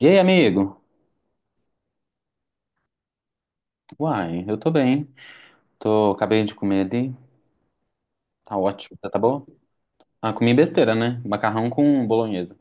E aí, amigo? Uai, eu tô bem. Tô, acabei de comer ali. Tá ótimo. Tá, tá bom? Ah, comi besteira, né? Macarrão com bolonhesa.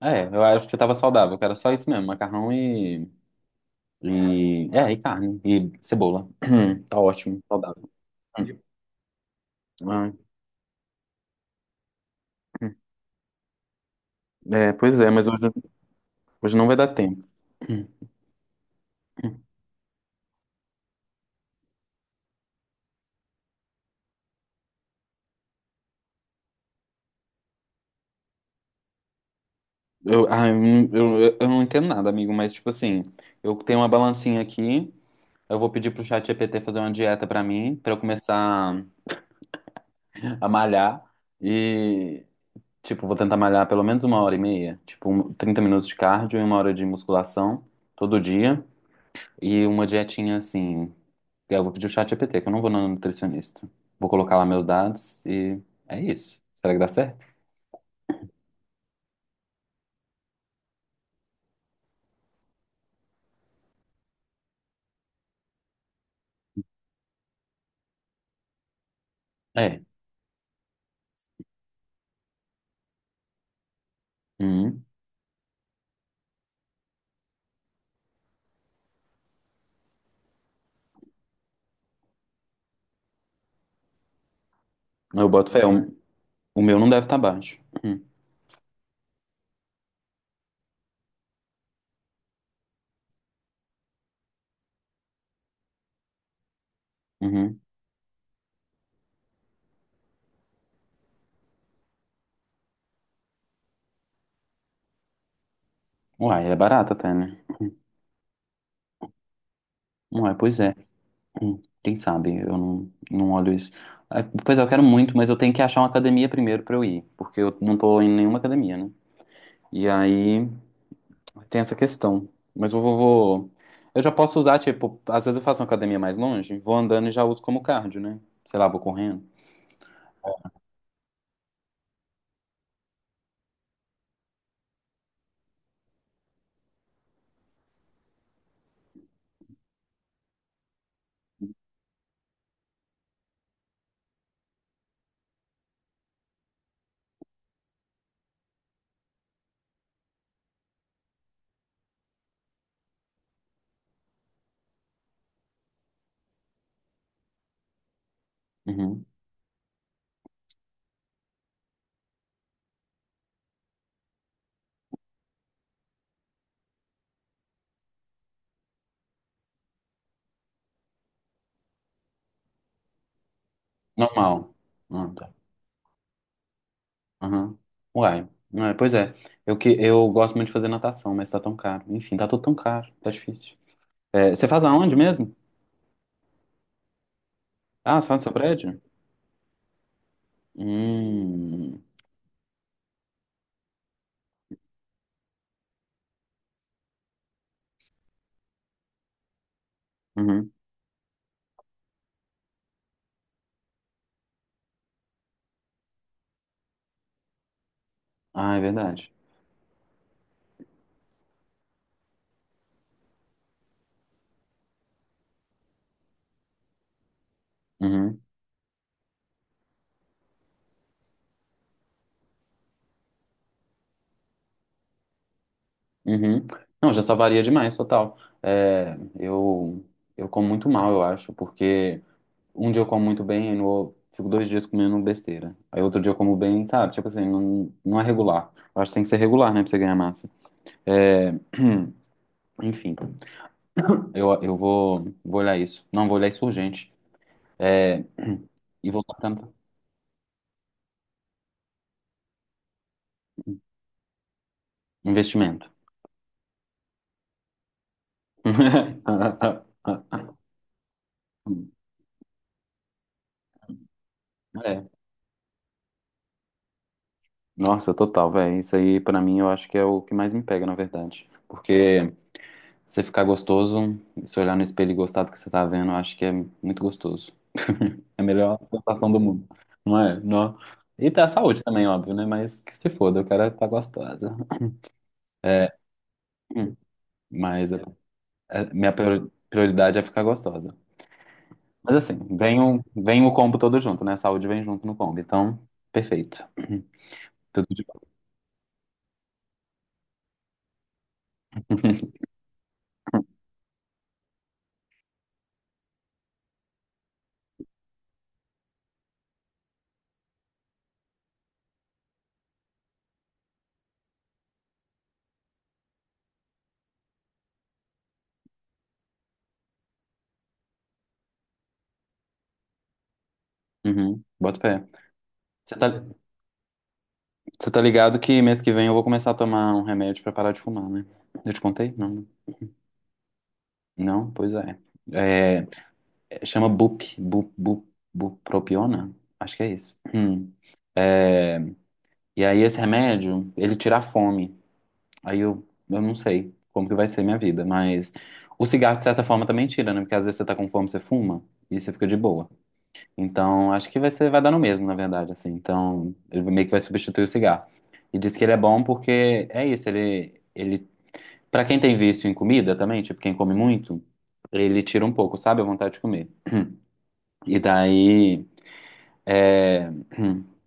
É, eu acho que tava saudável, que era só isso mesmo. Macarrão e carne. E cebola. Tá ótimo, saudável. Ai, é, pois é, mas hoje não vai dar tempo. Eu, ah, eu não entendo nada, amigo, mas tipo assim, eu tenho uma balancinha aqui, eu vou pedir pro ChatGPT fazer uma dieta pra mim, pra eu começar a malhar e, tipo, vou tentar malhar pelo menos uma hora e meia, tipo, 30 minutos de cardio e uma hora de musculação todo dia e uma dietinha assim. Eu vou pedir o chat GPT, que eu não vou no nutricionista. Vou colocar lá meus dados e é isso. Será que dá certo? É. Uhum. Eu boto fé. O meu não deve estar baixo. Uhum. Uhum. Uai, é barato até, né? Uai, pois é. Quem sabe? Eu não olho isso. Ah, pois é, eu quero muito, mas eu tenho que achar uma academia primeiro pra eu ir, porque eu não tô em nenhuma academia, né? E aí tem essa questão. Mas eu vou. Eu já posso usar, tipo, às vezes eu faço uma academia mais longe, vou andando e já uso como cardio, né? Sei lá, vou correndo. Uhum. Normal. Ah, tá. Uhum. Uai. Ah, pois é. Eu gosto muito de fazer natação, mas tá tão caro. Enfim, tá tudo tão caro, tá difícil. É, você faz aonde mesmo? Ah, você faz no seu prédio? Hum. Uhum. Ah, é verdade. Uhum. Uhum. Não, já salvaria demais, total. É, eu como muito mal, eu acho, porque um dia eu como muito bem, aí no, fico dois dias comendo besteira. Aí outro dia eu como bem, sabe? Tipo assim, não, não é regular. Eu acho que tem que ser regular, né, pra você ganhar massa. É, enfim, eu vou olhar isso. Não, vou olhar isso urgente. É, e voltar pra investimento. É. Nossa, total, velho. Isso aí, pra mim, eu acho que é o que mais me pega, na verdade. Porque você ficar gostoso, se olhar no espelho e gostar do que você tá vendo, eu acho que é muito gostoso. É a melhor sensação do mundo. Não é? Não. E tá a saúde também, óbvio, né? Mas que se foda, eu quero é tá gostosa. É, hum, mas minha prioridade é ficar gostosa. Mas assim, vem o combo todo junto, né? Saúde vem junto no combo. Então, perfeito. Tudo de bom. Uhum, bota fé. Você tá. Você tá ligado que mês que vem eu vou começar a tomar um remédio pra parar de fumar, né? Eu te contei? Não, né? Não? Pois é. É, chama Bupropiona? Acho que é isso. Hum. É, e aí esse remédio, ele tira a fome. Aí eu não sei como que vai ser minha vida, mas o cigarro, de certa forma, também tira, né? Porque às vezes você tá com fome, você fuma e você fica de boa. Então, acho que vai dar no mesmo, na verdade, assim. Então, ele meio que vai substituir o cigarro. E diz que ele é bom porque é isso, ele pra quem tem vício em comida também, tipo quem come muito, ele tira um pouco, sabe? A vontade de comer. E daí, é...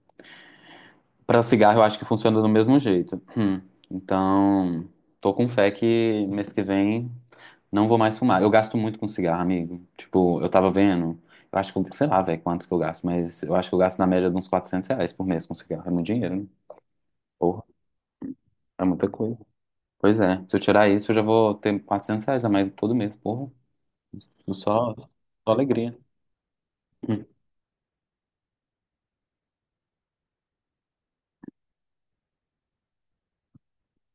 para o cigarro eu acho que funciona do mesmo jeito. Então, tô com fé que mês que vem não vou mais fumar. Eu gasto muito com cigarro, amigo. Tipo, eu tava vendo, eu acho que, sei lá, velho, quantos que eu gasto, mas eu acho que eu gasto na média de uns R$ 400 por mês com cigarro. É muito dinheiro, né? Porra, é muita coisa. Pois é, se eu tirar isso, eu já vou ter R$ 400 a mais todo mês, porra. Só alegria. Hum,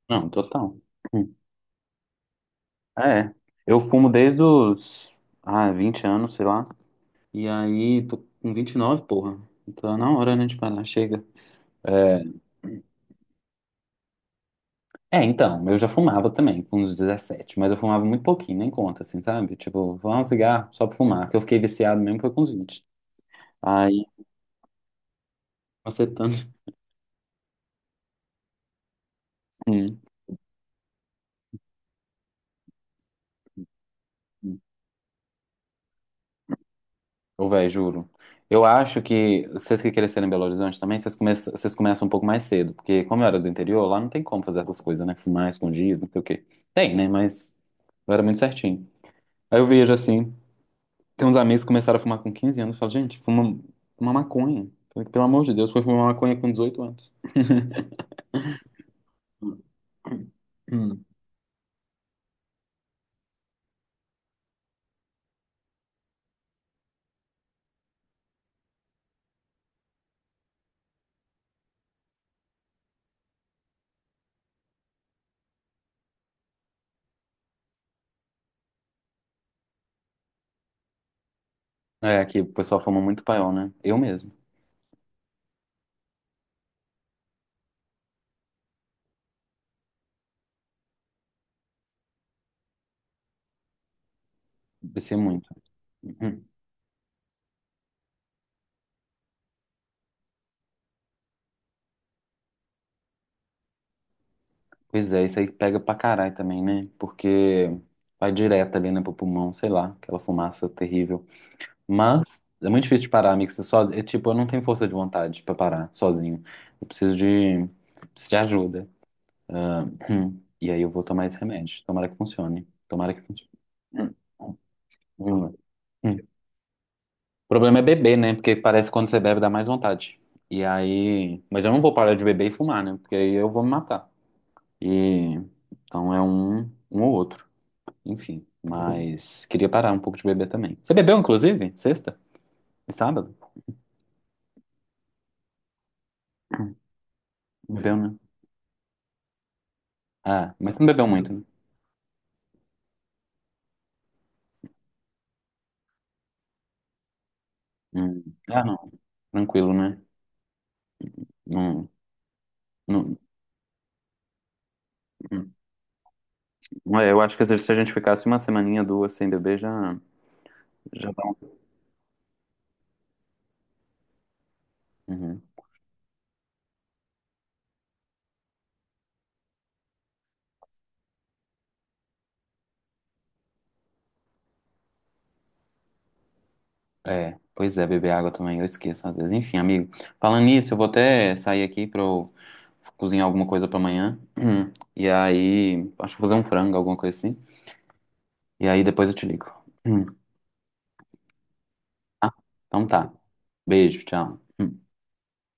Não, total. Hum, É. É. Eu fumo desde os, 20 anos, sei lá. E aí, tô com 29, porra. Então, na hora, né, de parar, chega. É, então, eu já fumava também, com uns 17. Mas eu fumava muito pouquinho, nem conta, assim, sabe? Tipo, fumava um cigarro só pra fumar, que eu fiquei viciado mesmo foi com os 20. Aí, macetando. Hum. Hum. Ô, véi, juro. Eu acho que vocês que cresceram em Belo Horizonte também, vocês começam um pouco mais cedo, porque como eu era do interior, lá não tem como fazer essas coisas, né? Fumar escondido, não sei o quê. Tem, né? Mas eu era muito certinho. Aí eu vejo assim, tem uns amigos que começaram a fumar com 15 anos, eu falo, gente, fuma uma maconha. Falei, pelo amor de Deus, foi fumar maconha com 18 anos. Hum. É, aqui o pessoal fuma muito paiol, né? Eu mesmo, descia muito. Hum. Pois é, isso aí pega pra caralho também, né? Porque vai direto ali, né, pro pulmão, sei lá, aquela fumaça terrível. Mas é muito difícil de parar, amigo. Você só, é, tipo, eu não tenho força de vontade pra parar sozinho. Eu preciso de ajuda. Ah, e aí eu vou tomar esse remédio. Tomara que funcione. Tomara que funcione. Hum. Hum. O problema é beber, né? Porque parece que quando você bebe dá mais vontade. E aí. Mas eu não vou parar de beber e fumar, né? Porque aí eu vou me matar. E. Então é um ou outro. Enfim, mas queria parar um pouco de beber também. Você bebeu, inclusive? Sexta? E sábado? Hum, Bebeu, né? Ah, mas não bebeu muito, né? Hum. Ah, não. Tranquilo, né? Não, não, não é, eu acho que às vezes se a gente ficasse uma semaninha, duas sem beber, já dá um. Uhum. É, pois é, beber água também, eu esqueço às vezes. Enfim, amigo, falando nisso, eu vou até sair aqui pra eu cozinhar alguma coisa pra amanhã. Hum. E aí, acho que vou fazer um frango, alguma coisa assim. E aí depois eu te ligo. Hum. Ah, então tá. Beijo, tchau. Hum.